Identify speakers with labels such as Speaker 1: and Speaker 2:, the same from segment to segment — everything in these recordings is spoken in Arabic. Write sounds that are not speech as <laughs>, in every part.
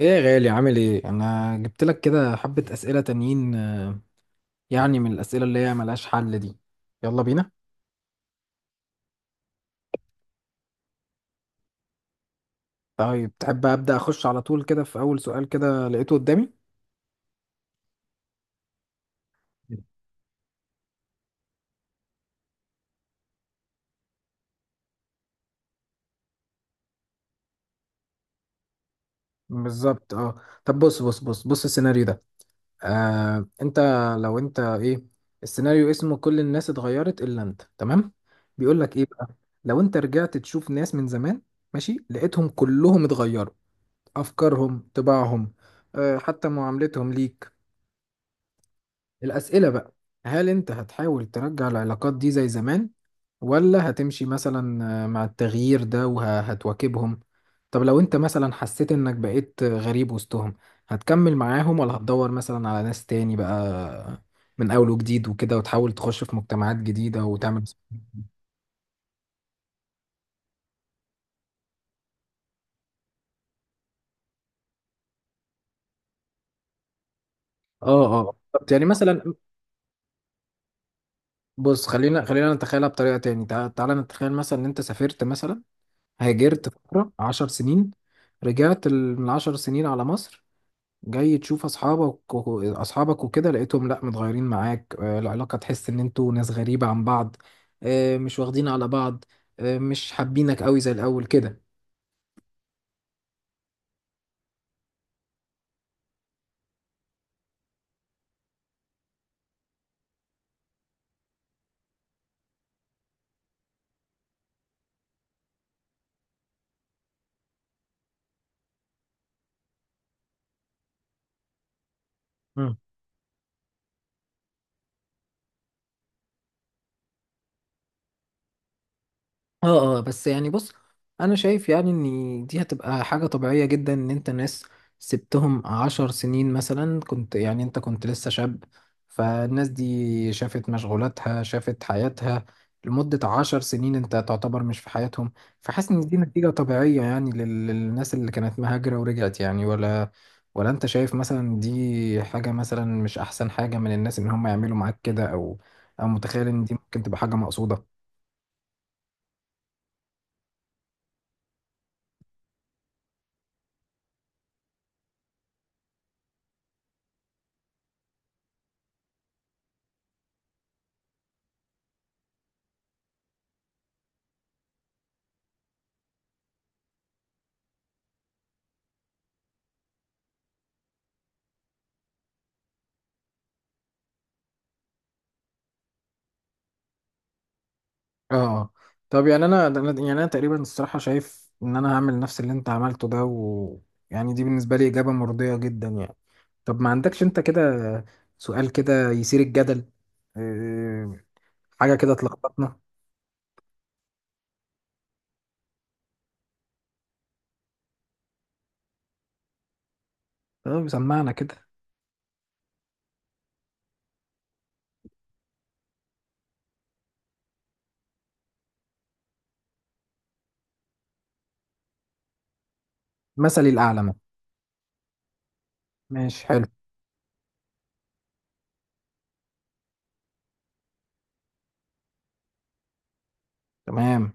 Speaker 1: ايه يا غالي، عامل ايه؟ انا جبت لك كده حبة اسئلة تانيين، يعني من الاسئلة اللي هي ملهاش حل دي. يلا بينا. طيب تحب ابدا اخش على طول كده في اول سؤال كده لقيته قدامي. بالظبط. اه طب بص بص بص بص، السيناريو ده. انت، لو انت ايه، السيناريو اسمه كل الناس اتغيرت الا انت، تمام؟ بيقول لك ايه بقى. لو انت رجعت تشوف ناس من زمان، ماشي، لقيتهم كلهم اتغيروا، افكارهم، طباعهم، حتى معاملتهم ليك. الأسئلة بقى: هل أنت هتحاول ترجع العلاقات دي زي زمان، ولا هتمشي مثلا مع التغيير ده وهتواكبهم؟ طب لو أنت مثلا حسيت إنك بقيت غريب وسطهم، هتكمل معاهم ولا هتدور مثلا على ناس تاني بقى من أول وجديد وكده، وتحاول تخش في مجتمعات جديدة وتعمل؟ اه اه. طب يعني مثلا، بص، خلينا نتخيلها بطريقة تاني، تعالى نتخيل مثلا ان انت سافرت مثلا، هاجرت فترة 10 سنين، رجعت من 10 سنين على مصر، جاي تشوف اصحابك وكده، لقيتهم لا متغيرين معاك، العلاقه تحس ان انتوا ناس غريبه عن بعض، مش واخدين على بعض، مش حابينك قوي زي الاول كده. اه اه. بس يعني بص، انا شايف يعني ان دي هتبقى حاجة طبيعية جدا، ان انت ناس سبتهم 10 سنين مثلا، يعني انت كنت لسه شاب، فالناس دي شافت مشغولاتها، شافت حياتها لمدة 10 سنين، انت تعتبر مش في حياتهم. فحاسس ان دي نتيجة طبيعية يعني للناس اللي كانت مهاجرة ورجعت يعني، ولا انت شايف مثلا دي حاجة مثلا مش احسن حاجة من الناس، ان هم يعملوا معاك كده، او متخيل ان دي ممكن تبقى حاجة مقصودة؟ اه. طب يعني يعني انا تقريبا الصراحه شايف ان انا هعمل نفس اللي انت عملته ده، و يعني دي بالنسبه لي اجابه مرضيه جدا يعني. طب ما عندكش انت كده سؤال كده يثير الجدل، إيه، حاجه كده تلخبطنا؟ طب سمعنا كده. مثلي الاعلى مثلا. ماشي، حلو. تمام.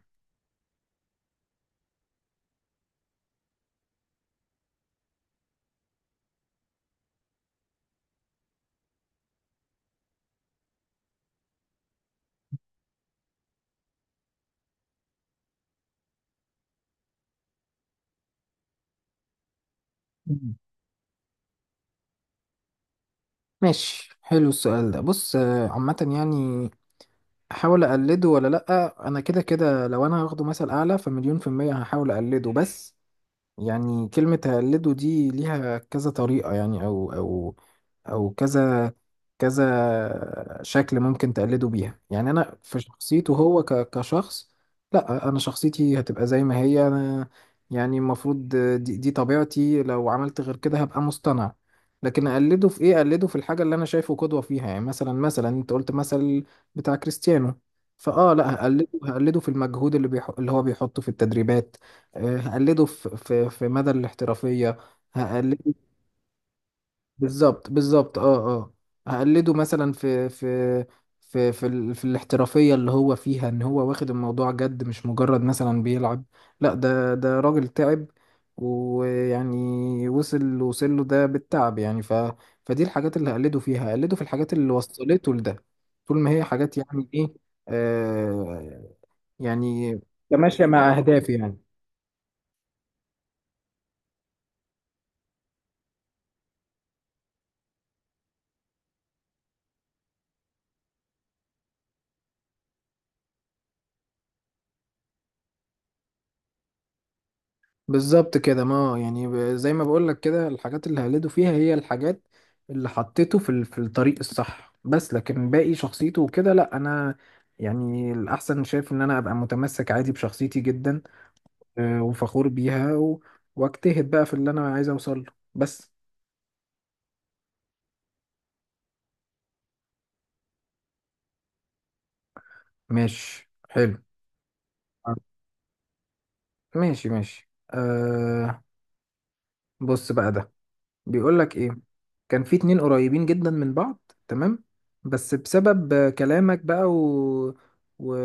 Speaker 1: <laughs> مم. ماشي، حلو. السؤال ده، بص، عامه يعني، احاول اقلده ولا لا. انا كده كده لو انا هاخده مثل اعلى فمليون في الميه هحاول اقلده، بس يعني كلمة هقلده دي ليها كذا طريقة يعني، أو كذا كذا شكل ممكن تقلده بيها يعني. أنا في شخصيته، هو كشخص، لأ، أنا شخصيتي هتبقى زي ما هي أنا، يعني المفروض دي طبيعتي، لو عملت غير كده هبقى مصطنع. لكن أقلده في إيه؟ أقلده في الحاجة اللي أنا شايفه قدوة فيها، يعني مثلا أنت قلت مثل بتاع كريستيانو، فأه لأ، هقلده في المجهود اللي اللي هو بيحطه في التدريبات. هقلده في مدى الاحترافية، هقلده. بالظبط، بالظبط، اه اه. هقلده مثلا في الاحترافية اللي هو فيها، ان هو واخد الموضوع جد، مش مجرد مثلا بيلعب، لا، ده راجل تعب، ويعني وصل له ده بالتعب، يعني فدي الحاجات اللي هقلده فيها، هقلده في الحاجات اللي وصلته لده، طول ما هي حاجات يعني ايه. آه يعني، تماشى مع اهدافي يعني. بالظبط كده، ما يعني زي ما بقولك كده، الحاجات اللي هقلده فيها هي الحاجات اللي حطيته في في الطريق الصح، بس لكن باقي شخصيته وكده لا، انا يعني الاحسن شايف ان انا ابقى متمسك عادي بشخصيتي جدا، وفخور بيها واجتهد بقى في اللي انا عايز اوصل له، بس. ماشي، حلو. آه، ماشي ماشي أه. بص بقى ده بيقول لك ايه. كان في اتنين قريبين جدا من بعض، تمام، بس بسبب كلامك بقى و...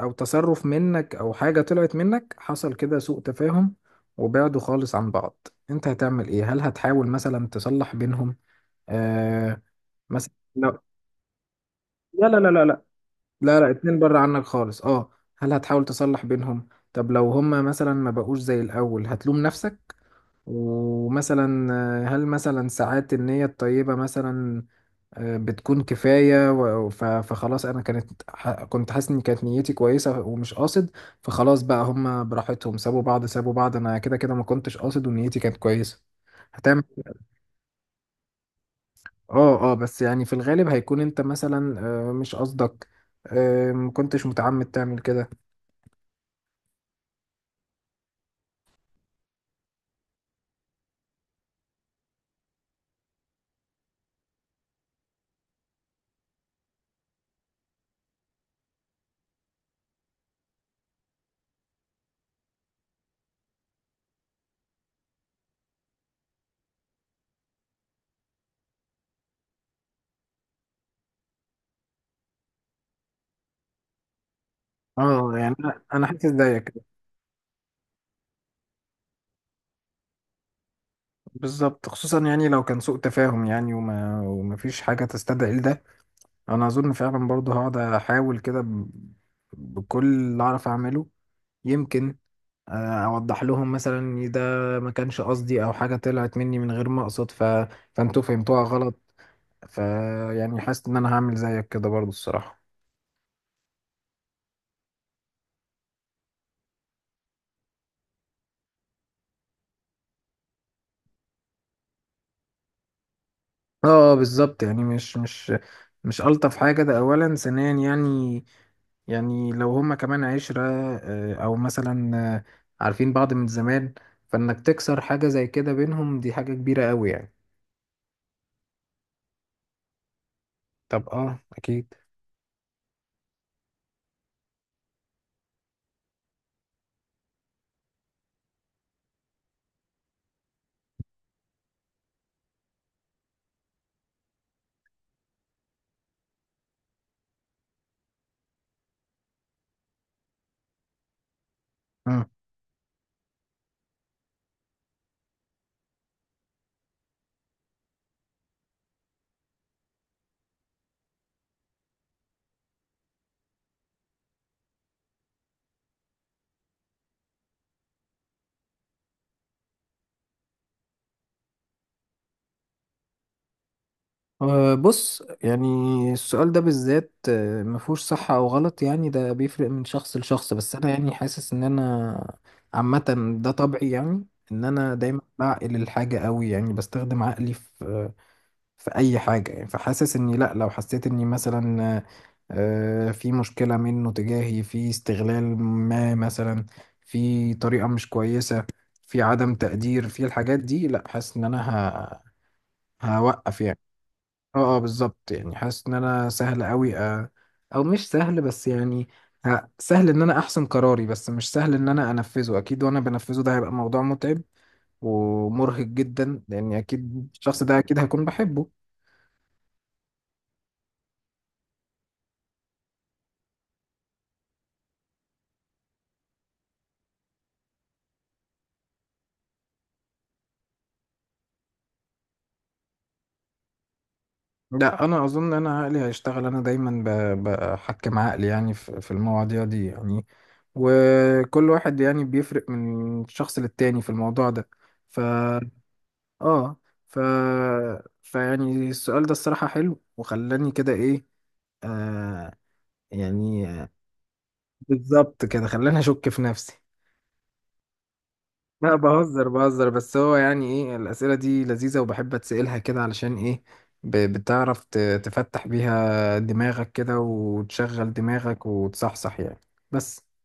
Speaker 1: او تصرف منك او حاجة طلعت منك، حصل كده سوء تفاهم، وبعدوا خالص عن بعض. انت هتعمل ايه؟ هل هتحاول مثلا تصلح بينهم؟ آه مثلا لا لا لا لا لا لا لا لا، اتنين بره عنك خالص، اه. هل هتحاول تصلح بينهم؟ طب لو هما مثلا ما بقوش زي الاول، هتلوم نفسك ومثلا، هل مثلا ساعات النية الطيبة مثلا بتكون كفاية، فخلاص أنا كنت حاسس إن كانت نيتي كويسة ومش قاصد، فخلاص بقى هما براحتهم سابوا بعض سابوا بعض، أنا كده كده ما كنتش قاصد ونيتي كانت كويسة. هتعمل. اه اه. بس يعني في الغالب هيكون أنت مثلا مش قصدك، ما كنتش متعمد تعمل كده. اه يعني أنا حاسس زيك. بالظبط، خصوصا يعني لو كان سوء تفاهم يعني، ومفيش حاجة تستدعي ده. انا اظن فعلا برضه هقعد احاول كده بكل اللي اعرف اعمله، يمكن اوضح لهم مثلا إن ده ما كانش قصدي، او حاجه طلعت مني من غير ما اقصد، فانتوا فهمتوها غلط، ف يعني حاسس ان انا هعمل زيك كده برضه الصراحه. اه، بالظبط يعني، مش الطف حاجه ده اولا، ثانيا يعني، يعني لو هما كمان 10، أو مثلا عارفين بعض من زمان، فإنك تكسر حاجة زي كده بينهم دي حاجة كبيرة أوي يعني. طب اه، اكيد. مم. بص يعني السؤال ده بالذات مفهوش صح او غلط يعني، ده بيفرق من شخص لشخص، بس انا يعني حاسس ان انا عامة ده طبعي يعني، ان انا دايما بعقل الحاجة قوي يعني، بستخدم عقلي في اي حاجة يعني، فحاسس اني لا، لو حسيت اني مثلا في مشكلة منه تجاهي، في استغلال ما مثلا، في طريقة مش كويسة، في عدم تقدير، في الحاجات دي، لا، حاسس ان انا هوقف يعني. اه اه، بالظبط يعني، حاسس ان انا سهل قوي، او مش سهل، بس يعني سهل ان انا احسم قراري، بس مش سهل ان انا انفذه، اكيد، وانا بنفذه ده هيبقى موضوع متعب ومرهق جدا، لان اكيد الشخص ده اكيد هيكون بحبه. لا، انا اظن ان انا عقلي هيشتغل، انا دايما بحكم عقلي يعني، في المواضيع دي يعني، وكل واحد يعني بيفرق من شخص للتاني في الموضوع ده. اه. ف فيعني السؤال ده الصراحة حلو وخلاني كده ايه. آه يعني، بالظبط كده خلاني اشك في نفسي. لا، بهزر بهزر، بس هو يعني ايه، الأسئلة دي لذيذة وبحب اتسألها كده علشان ايه، بتعرف تفتح بيها دماغك كده وتشغل دماغك وتصحصح يعني. بس